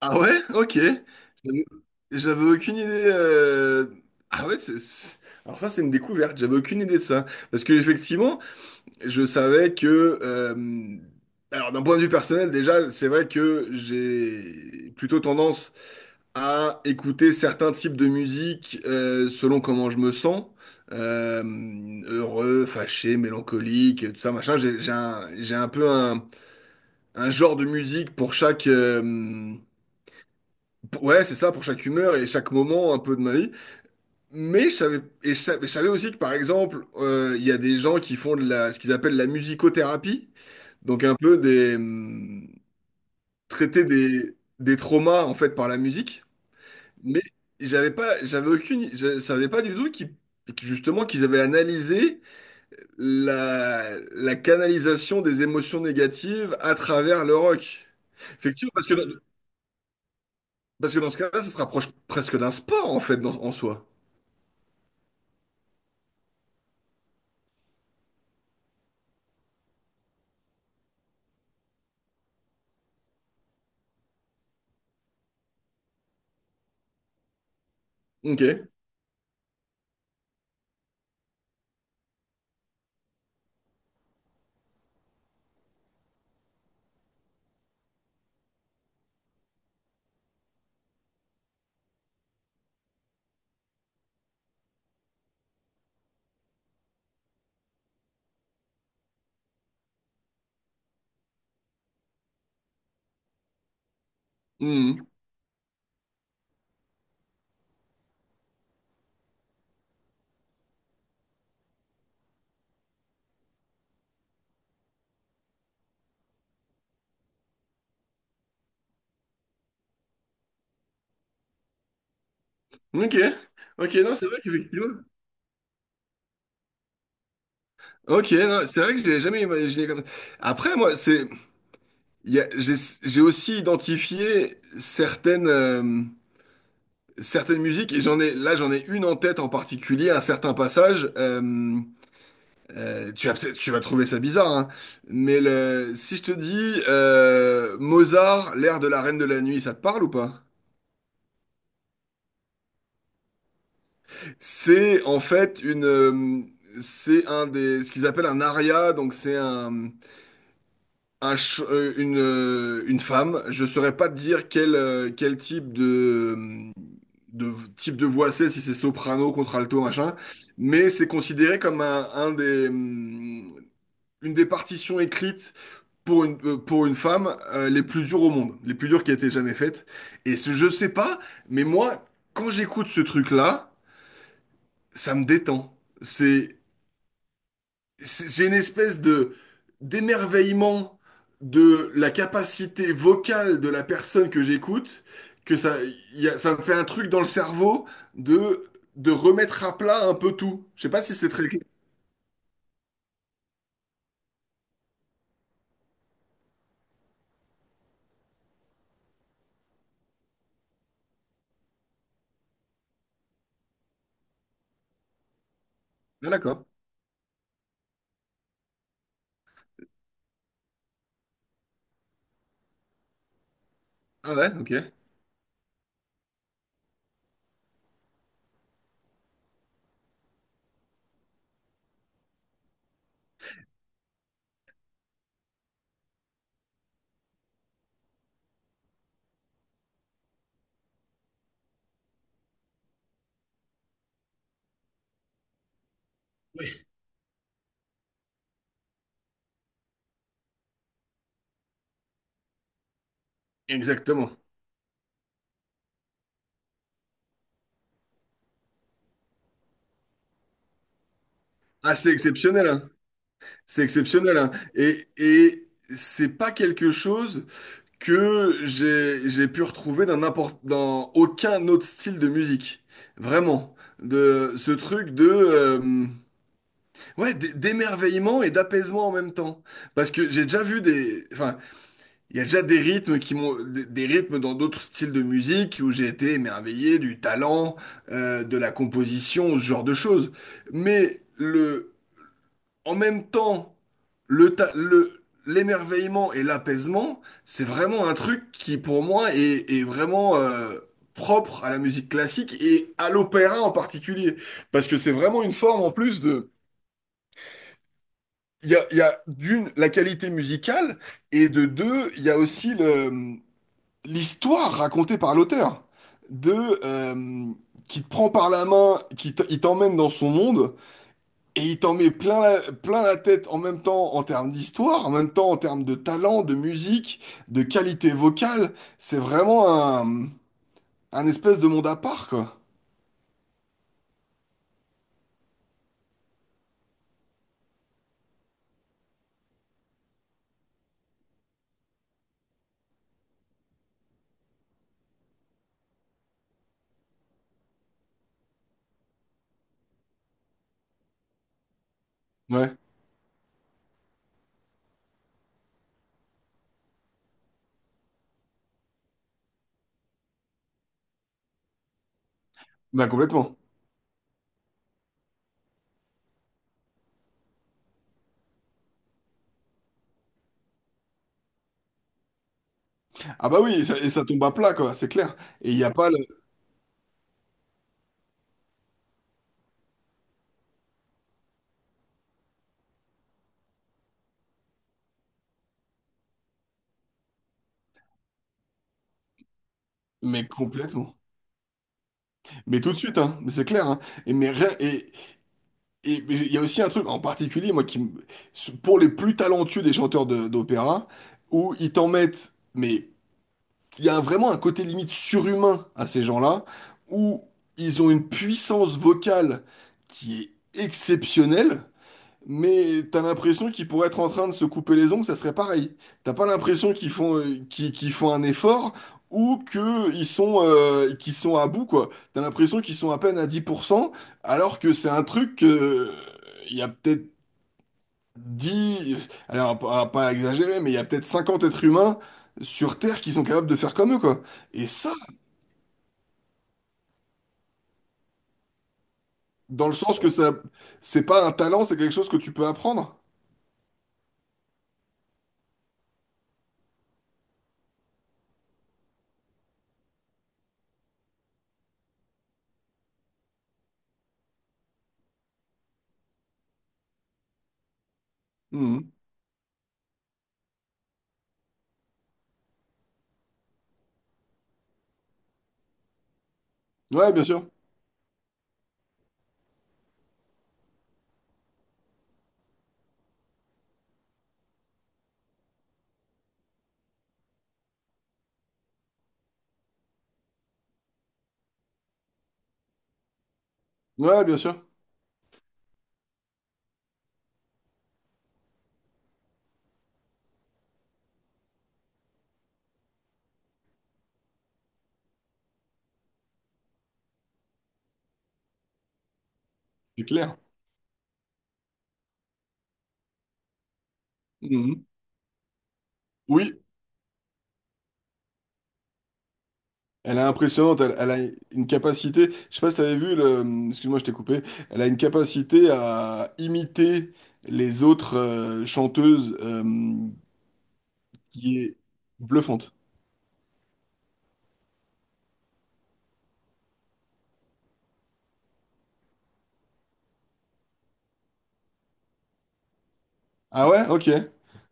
Ah ouais? Ok. J'avais j'avais aucune idée. Ah ouais, Alors ça, c'est une découverte. J'avais aucune idée de ça. Parce que effectivement, je savais que... euh, Alors d'un point de vue personnel, déjà, c'est vrai que j'ai plutôt tendance à écouter certains types de musique, selon comment je me sens. Euh, Heureux, fâché, mélancolique, tout ça, machin. J'ai un peu un genre de musique Ouais, c'est ça, pour chaque humeur et chaque moment un peu de ma vie. Mais je savais, et je savais aussi que, par exemple, il y a des gens qui font de la, ce qu'ils appellent la musicothérapie, donc un peu traiter des traumas, en fait, par la musique. Mais j'avais pas, je savais pas du tout que justement, qu'ils avaient analysé la, la canalisation des émotions négatives à travers le rock. Effectivement, parce que dans ce cas-là, ça se rapproche presque d'un sport, en fait, en soi. Ok. Hmm. Ok, ok, non, c'est vrai qu'effectivement. Ok, non, c'est vrai que je l'ai jamais imaginé comme. Après, moi, c'est, il y a- j'ai aussi identifié certaines, certaines musiques, et j'en ai, là, j'en ai une en tête en particulier, un certain passage. Tu vas peut-être, tu vas trouver ça bizarre, hein, mais si je te dis, Mozart, l'air de la Reine de la Nuit, ça te parle ou pas? C'est en fait une, c'est un des, ce qu'ils appellent un aria, donc c'est une femme. Je saurais pas te dire quel type de type de voix c'est, si c'est soprano, contralto, machin, mais c'est considéré comme une des partitions écrites pour une femme, les plus dures au monde, les plus dures qui a été jamais faites. Et ce, je sais pas, mais moi, quand j'écoute ce truc-là, ça me détend. c'est J'ai une espèce de d'émerveillement de la capacité vocale de la personne que j'écoute, que ça, il y a- ça me fait un truc dans le cerveau de, de remettre à plat un peu tout. Je sais pas si c'est très clair. Ah, d'accord. Ah ouais, ok. Exactement. Ah, c'est exceptionnel, hein. C'est exceptionnel, hein. Et c'est pas quelque chose que j'ai pu retrouver dans aucun autre style de musique. Vraiment. De ce truc de, ouais, d'émerveillement et d'apaisement en même temps. Parce que j'ai déjà vu, des enfin, il y a déjà des rythmes, des rythmes dans d'autres styles de musique où j'ai été émerveillé du talent, de la composition, ce genre de choses. Mais le en même temps, l'émerveillement et l'apaisement, c'est vraiment un truc qui, pour moi, est vraiment, propre à la musique classique et à l'opéra en particulier. Parce que c'est vraiment une forme, en plus, de... Il y a d'une, la qualité musicale, et de deux, il y a aussi l'histoire racontée par l'auteur, de, euh, qui te prend par la main, il t'emmène dans son monde. Et il t'en met plein la tête, en même temps en termes d'histoire, en même temps en termes de talent, de musique, de qualité vocale. C'est vraiment un, un espèce de monde à part, quoi. Ouais, bah complètement. Ah bah oui, et ça tombe à plat, quoi, c'est clair. Et il n'y a pas le... Mais complètement. Mais tout de suite, hein, mais c'est clair, hein. Et mais il y a aussi un truc en particulier, moi, pour les plus talentueux des chanteurs d'opéra, où ils t'en mettent... mais il y a vraiment un côté limite surhumain à ces gens-là, où ils ont une puissance vocale qui est exceptionnelle, mais t'as l'impression qu'ils pourraient être en train de se couper les ongles, ça serait pareil. T'as pas l'impression qu'ils font, qu'ils font un effort, ou qu'ils sont à bout, quoi. T'as l'impression qu'ils sont à peine à 10 %, alors que c'est un truc que... il y a peut-être 10, alors pas exagérer, mais il y a peut-être 50 êtres humains sur Terre qui sont capables de faire comme eux, quoi. Et ça, dans le sens que ça, c'est pas un talent, c'est quelque chose que tu peux apprendre. Mhm. Ouais, bien sûr. Ouais, bien sûr. C'est clair. Mhm. Oui. Elle est impressionnante, elle a une capacité. Je sais pas si t'avais vu excuse-moi, je t'ai coupé, elle a une capacité à imiter les autres, chanteuses, qui est bluffante. Ah ouais? Ok.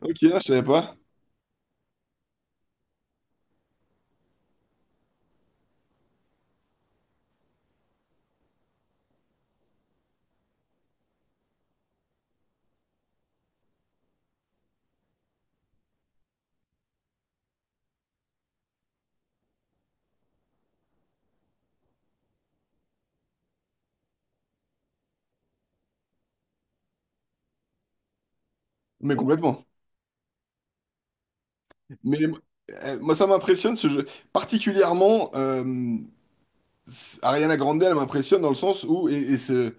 Ok, je savais pas. Mais complètement. Mais moi, ça m'impressionne, ce jeu. Particulièrement, Ariana Grande, elle m'impressionne dans le sens où, et, et ce,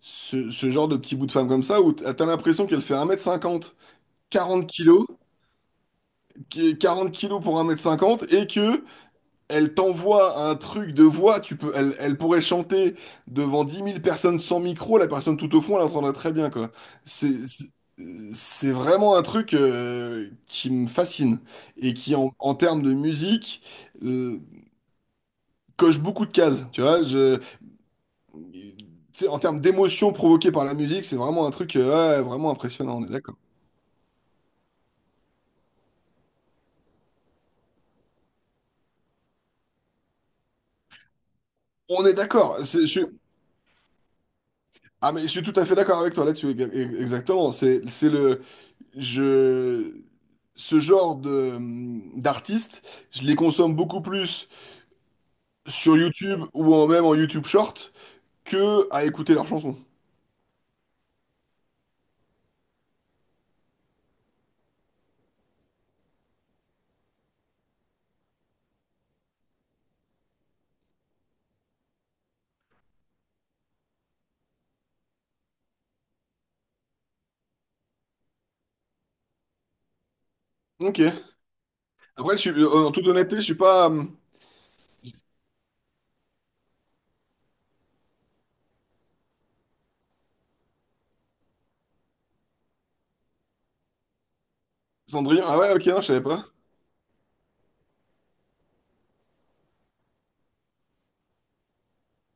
ce, ce genre de petit bout de femme comme ça, où t'as l'impression qu'elle fait 1,50 m, 40 kilos, qui est 40 kilos pour 1,50 m. Et que elle t'envoie un truc de voix, tu peux, elle pourrait chanter devant 10 000 personnes sans micro, la personne tout au fond, elle l'entendrait très bien, quoi. C'est, c'est c'est vraiment un truc, qui me fascine, et qui, en termes de musique, euh, coche beaucoup de cases, tu vois. Tu sais, en termes d'émotion provoquée par la musique, c'est vraiment un truc, ouais, vraiment impressionnant, on est d'accord. On est d'accord. Ah mais je suis tout à fait d'accord avec toi là-dessus. Exactement. C'est le je ce genre de d'artistes, je les consomme beaucoup plus sur YouTube, ou même en YouTube Short, que à écouter leurs chansons. Ok. Après, en toute honnêteté, je suis pas, Cendrillon. Ah ouais, ok, non, je savais pas.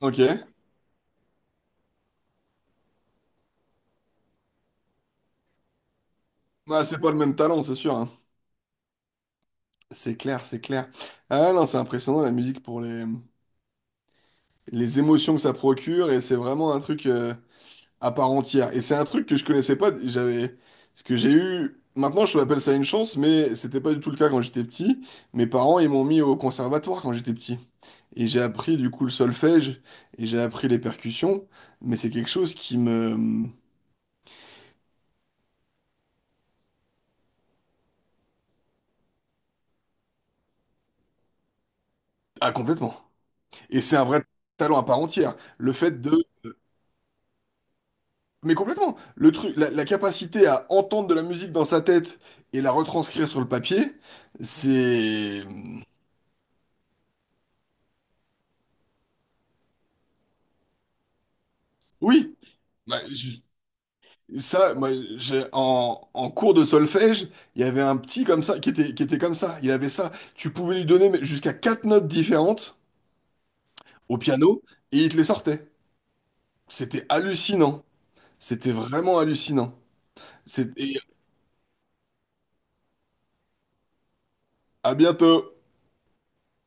Ok. Bah, c'est pas le même talent, c'est sûr, hein. C'est clair, c'est clair. Ah non, c'est impressionnant, la musique, pour les émotions que ça procure, et c'est vraiment un truc à part entière. Et c'est un truc que je connaissais pas. Ce que j'ai eu, maintenant, je l'appelle ça une chance, mais c'était pas du tout le cas quand j'étais petit. Mes parents, ils m'ont mis au conservatoire quand j'étais petit. Et j'ai appris du coup le solfège, et j'ai appris les percussions, mais c'est quelque chose qui me... Ah, complètement. Et c'est un vrai talent à part entière. Le fait de... Mais complètement. Le truc, la capacité à entendre de la musique dans sa tête et la retranscrire sur le papier, c'est... Oui. Bah, ça, moi, en cours de solfège, il y avait un petit comme ça qui était comme ça. Il avait ça. Tu pouvais lui donner, mais, jusqu'à quatre notes différentes au piano, et il te les sortait. C'était hallucinant. C'était vraiment hallucinant. C'était à bientôt.